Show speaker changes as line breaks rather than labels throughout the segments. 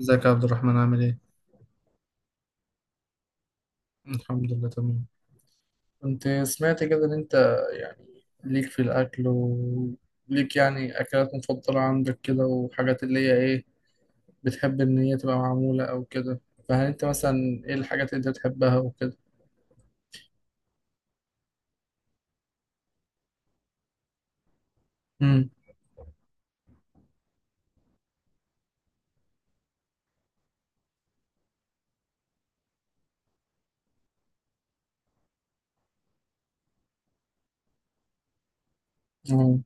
ازيك يا عبد الرحمن؟ عامل ايه؟ الحمد لله تمام. كنت سمعت كده ان انت يعني ليك في الاكل، وليك يعني اكلات مفضلة عندك كده، وحاجات اللي هي ايه بتحب ان هي تبقى معمولة او كده، فهل انت مثلا ايه الحاجات اللي انت بتحبها وكده؟ امم. اه،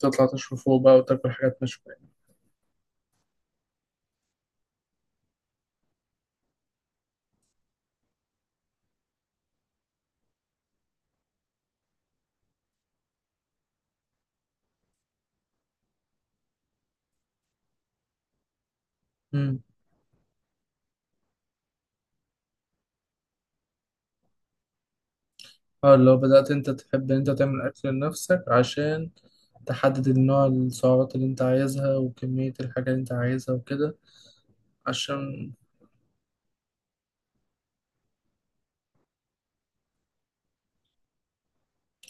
تطلع تشوي فوق بقى وتاكل حاجات مشوية. امم. اه، لو بدأت انت تحب ان انت تعمل اكل لنفسك عشان تحدد النوع، السعرات اللي انت عايزها وكمية الحاجة اللي انت عايزها وكده عشان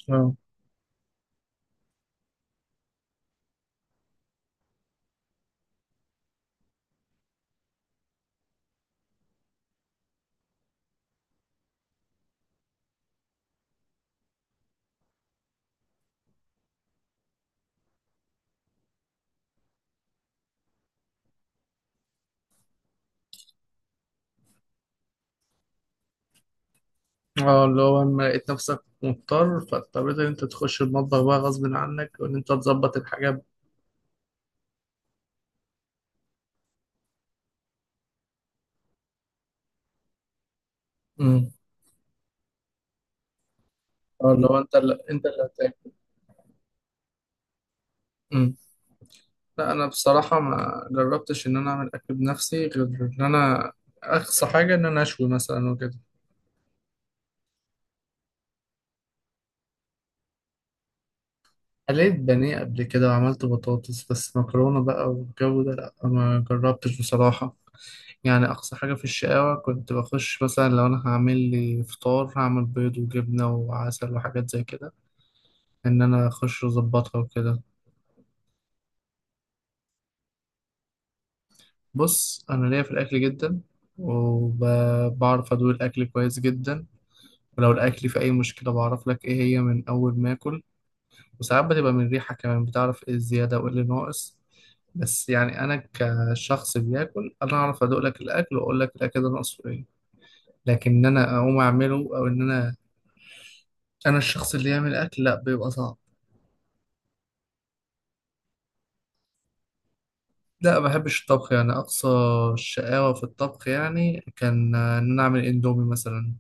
اه. اه، اللي هو لما لقيت نفسك مضطر فاضطريت ان انت تخش المطبخ بقى غصب عنك وان انت تظبط الحاجات. امم. اه، اللي هو انت اللي هتاكل. امم. لا، انا بصراحة ما جربتش ان انا اعمل اكل بنفسي غير ان انا اقصى حاجة ان انا اشوي مثلا وكده. قليت بانيه قبل كده وعملت بطاطس، بس مكرونة بقى والجو ده لا ما جربتش بصراحة. يعني أقصى حاجة في الشقاوة كنت بخش مثلا لو أنا هعمل لي فطار، هعمل بيض وجبنة وعسل وحاجات زي كده، ان انا اخش اظبطها وكده. بص، انا ليا في الاكل جدا، وبعرف ادوق الاكل كويس جدا، ولو الاكل في اي مشكله بعرف لك ايه هي من اول ما اكل، وساعات بتبقى من الريحه كمان بتعرف ايه الزياده وايه اللي ناقص. بس يعني انا كشخص بياكل انا اعرف ادوق لك الاكل واقول لك الاكل ده ناقصه ايه، لكن ان انا اقوم اعمله او ان انا الشخص اللي يعمل اكل لا، بيبقى صعب. لا، ما بحبش الطبخ. يعني اقصى الشقاوه في الطبخ يعني كان ان انا اعمل اندومي مثلا،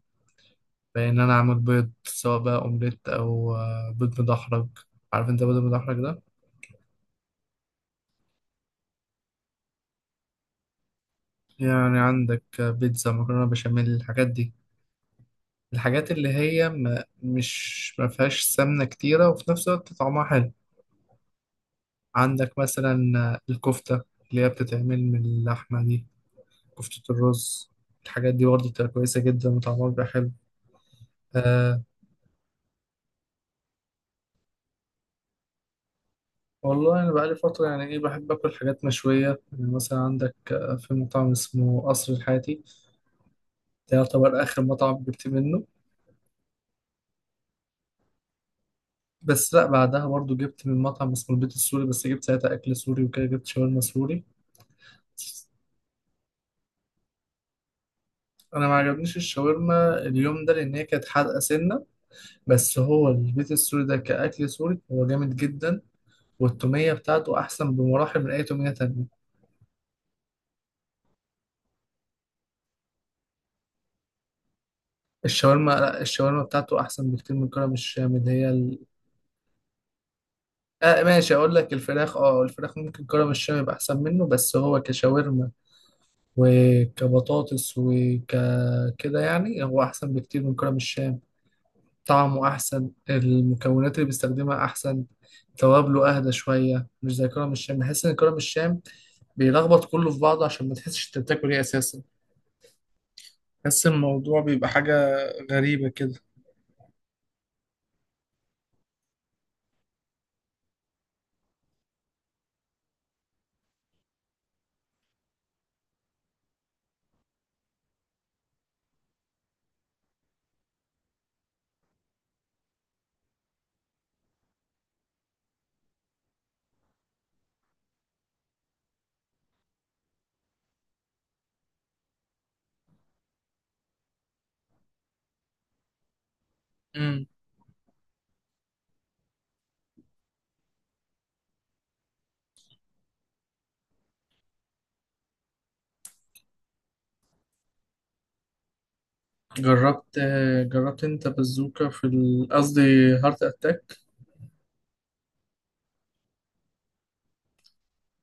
بان انا اعمل بيض سواء بقى اومليت او بيض مدحرج. عارف انت بيض مدحرج ده؟ يعني عندك بيتزا، مكرونه بشاميل، الحاجات دي. الحاجات اللي هي ما فيهاش سمنه كتيره وفي نفس الوقت طعمها حلو. عندك مثلا الكفته اللي هي بتتعمل من اللحمه دي، كفته الرز، الحاجات دي برضه بتبقى كويسه جدا وطعمها بيبقى حلو. أه. والله انا بقالي فتره يعني ايه، بحب اكل حاجات مشويه. يعني مثلا عندك في مطعم اسمه قصر الحاتي، ده يعتبر آخر مطعم جبت منه. بس لا، بعدها برضو جبت من مطعم اسمه البيت السوري، بس جبت ساعتها أكل سوري وكده، جبت شاورما سوري. أنا ما عجبنيش الشاورما اليوم ده لأن هي كانت حادقة سنة، بس هو البيت السوري ده كأكل سوري هو جامد جدا، والتومية بتاعته أحسن بمراحل من أي تومية تانية. الشاورما، لا الشاورما بتاعته أحسن بكتير من كرم الشام اللي هي ال... آه ماشي، أقول لك الفراخ، أه الفراخ ممكن كرم الشام يبقى أحسن منه، بس هو كشاورما وكبطاطس وكده يعني هو أحسن بكتير من كرم الشام. طعمه أحسن، المكونات اللي بيستخدمها أحسن، توابله أهدى شوية مش زي كرم الشام. بحس إن كرم الشام بيلخبط كله في بعضه عشان ما تحسش أنت بتاكل إيه أساسا. بحس الموضوع بيبقى حاجة غريبة كده. مم. جربت جربت أنت بازوكا في قصدي هارت أتاك؟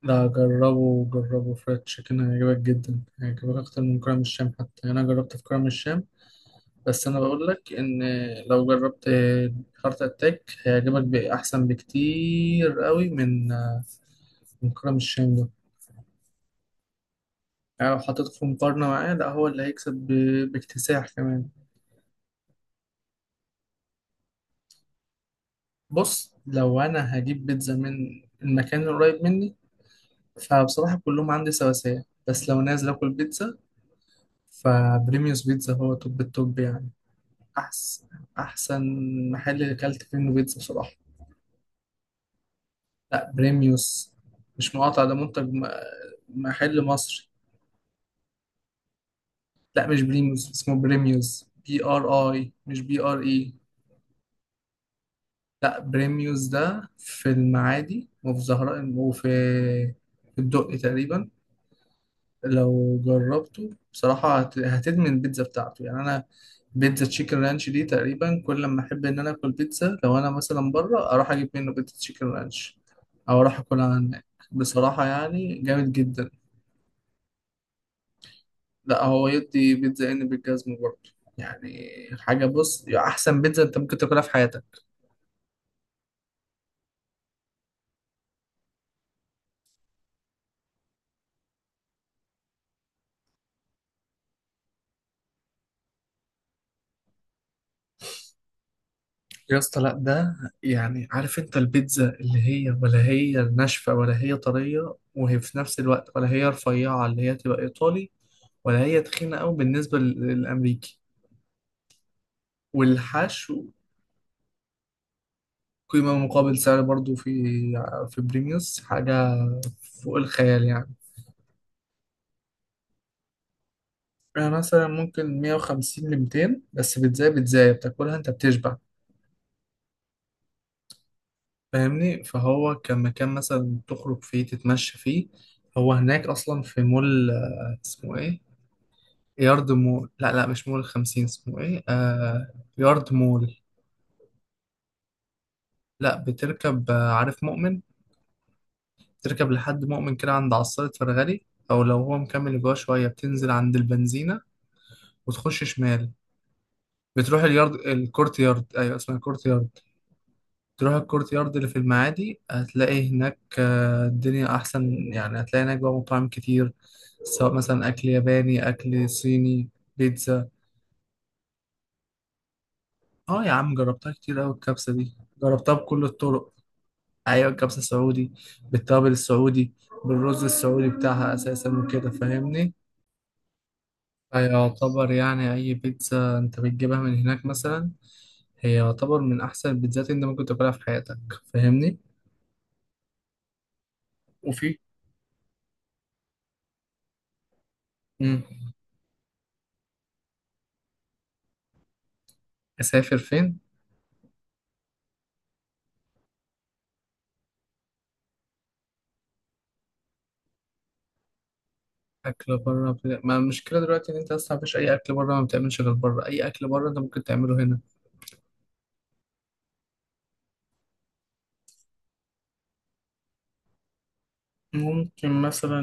لا، جربه فريد تشيكن هيعجبك جدا، هيعجبك أكتر من كرم الشام حتى. يعني أنا جربت في كرم الشام، بس انا بقول لك ان لو جربت هارت اتاك هيعجبك باحسن بكتير قوي من كرم الشام ده. يعني لو حطيته في مقارنة معاه لا هو اللي هيكسب باكتساح كمان. بص، لو انا هجيب بيتزا من المكان القريب مني فبصراحة كلهم عندي سواسية، بس لو نازل اكل بيتزا فبريميوس بيتزا هو توب التوب يعني. احسن احسن محل اكلت فيه منه بيتزا بصراحة. لا بريميوس، مش مقاطع، ده محل مصري. لا، مش بريميوس اسمه بريميوس، بي ار اي مش بي ار اي. لا بريميوس ده في المعادي وفي زهراء وفي الدقي تقريبا. لو جربته بصراحة هتدمن البيتزا بتاعته. يعني أنا بيتزا تشيكن رانش دي تقريبا كل لما أحب إن أنا آكل بيتزا، لو أنا مثلا بره أروح أجيب منه بيتزا تشيكن رانش أو أروح أكلها هناك. بصراحة يعني جامد جدا. لا هو يدي بيتزا ان بالجزمه برضه يعني. حاجه، بص، يعني احسن بيتزا انت ممكن تاكلها في حياتك. يا اسطى لا، ده يعني عارف انت البيتزا اللي هي ناشفه ولا هي طريه وهي في نفس الوقت، ولا هي رفيعه اللي هي تبقى ايطالي، ولا هي تخينه قوي بالنسبه للامريكي، والحشو. قيمه مقابل سعر برضه في بريميوس حاجه فوق الخيال يعني. يعني مثلا ممكن 150 ل 200، بس بيتزا بتاكلها انت بتشبع. فاهمني؟ فهو كان مكان مثلا تخرج فيه تتمشى فيه. هو هناك اصلا في مول اسمه ايه؟ يارد مول. لا مش مول خمسين، اسمه ايه؟ آه يارد مول. لا، بتركب عارف مؤمن؟ بتركب لحد مؤمن كده، عند عصارة فرغلي، او لو هو مكمل جوه شوية بتنزل عند البنزينة وتخش شمال، بتروح اليارد. الكورت يارد ايوه، اسمها كورت يارد. تروح الكورت يارد اللي في المعادي، هتلاقي هناك الدنيا أحسن يعني. هتلاقي هناك بقى مطاعم كتير، سواء مثلا أكل ياباني، أكل صيني، بيتزا. اه يا عم، جربتها كتير أوي الكبسة دي، جربتها بكل الطرق. أيوة الكبسة السعودي، بالتوابل السعودي، بالرز السعودي بتاعها أساسا وكده فاهمني. فيعتبر يعني أي بيتزا أنت بتجيبها من هناك مثلا هي يعتبر من أحسن البيتزات اللي أنت ممكن تاكلها في حياتك. فاهمني؟ وفي. مم. أسافر فين؟ اكل بره، ما المشكله دلوقتي ان انت اصلا مفيش اي اكل بره ما بتعملش غير بره. اي اكل بره انت ممكن تعمله هنا. ممكن مثلا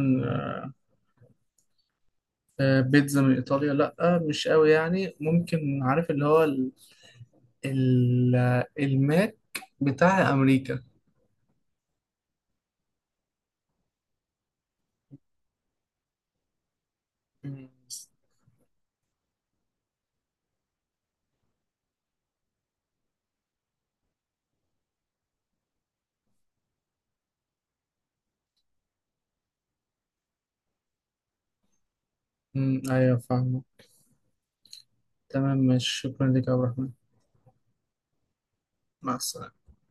بيتزا من ايطاليا، لا مش قوي يعني. ممكن عارف اللي هو ال... ال... الماك بتاع امريكا. مم. مم، ايوه فاهمه. تمام ماشي، شكرا لك يا عبد الرحمن. مع السلامه.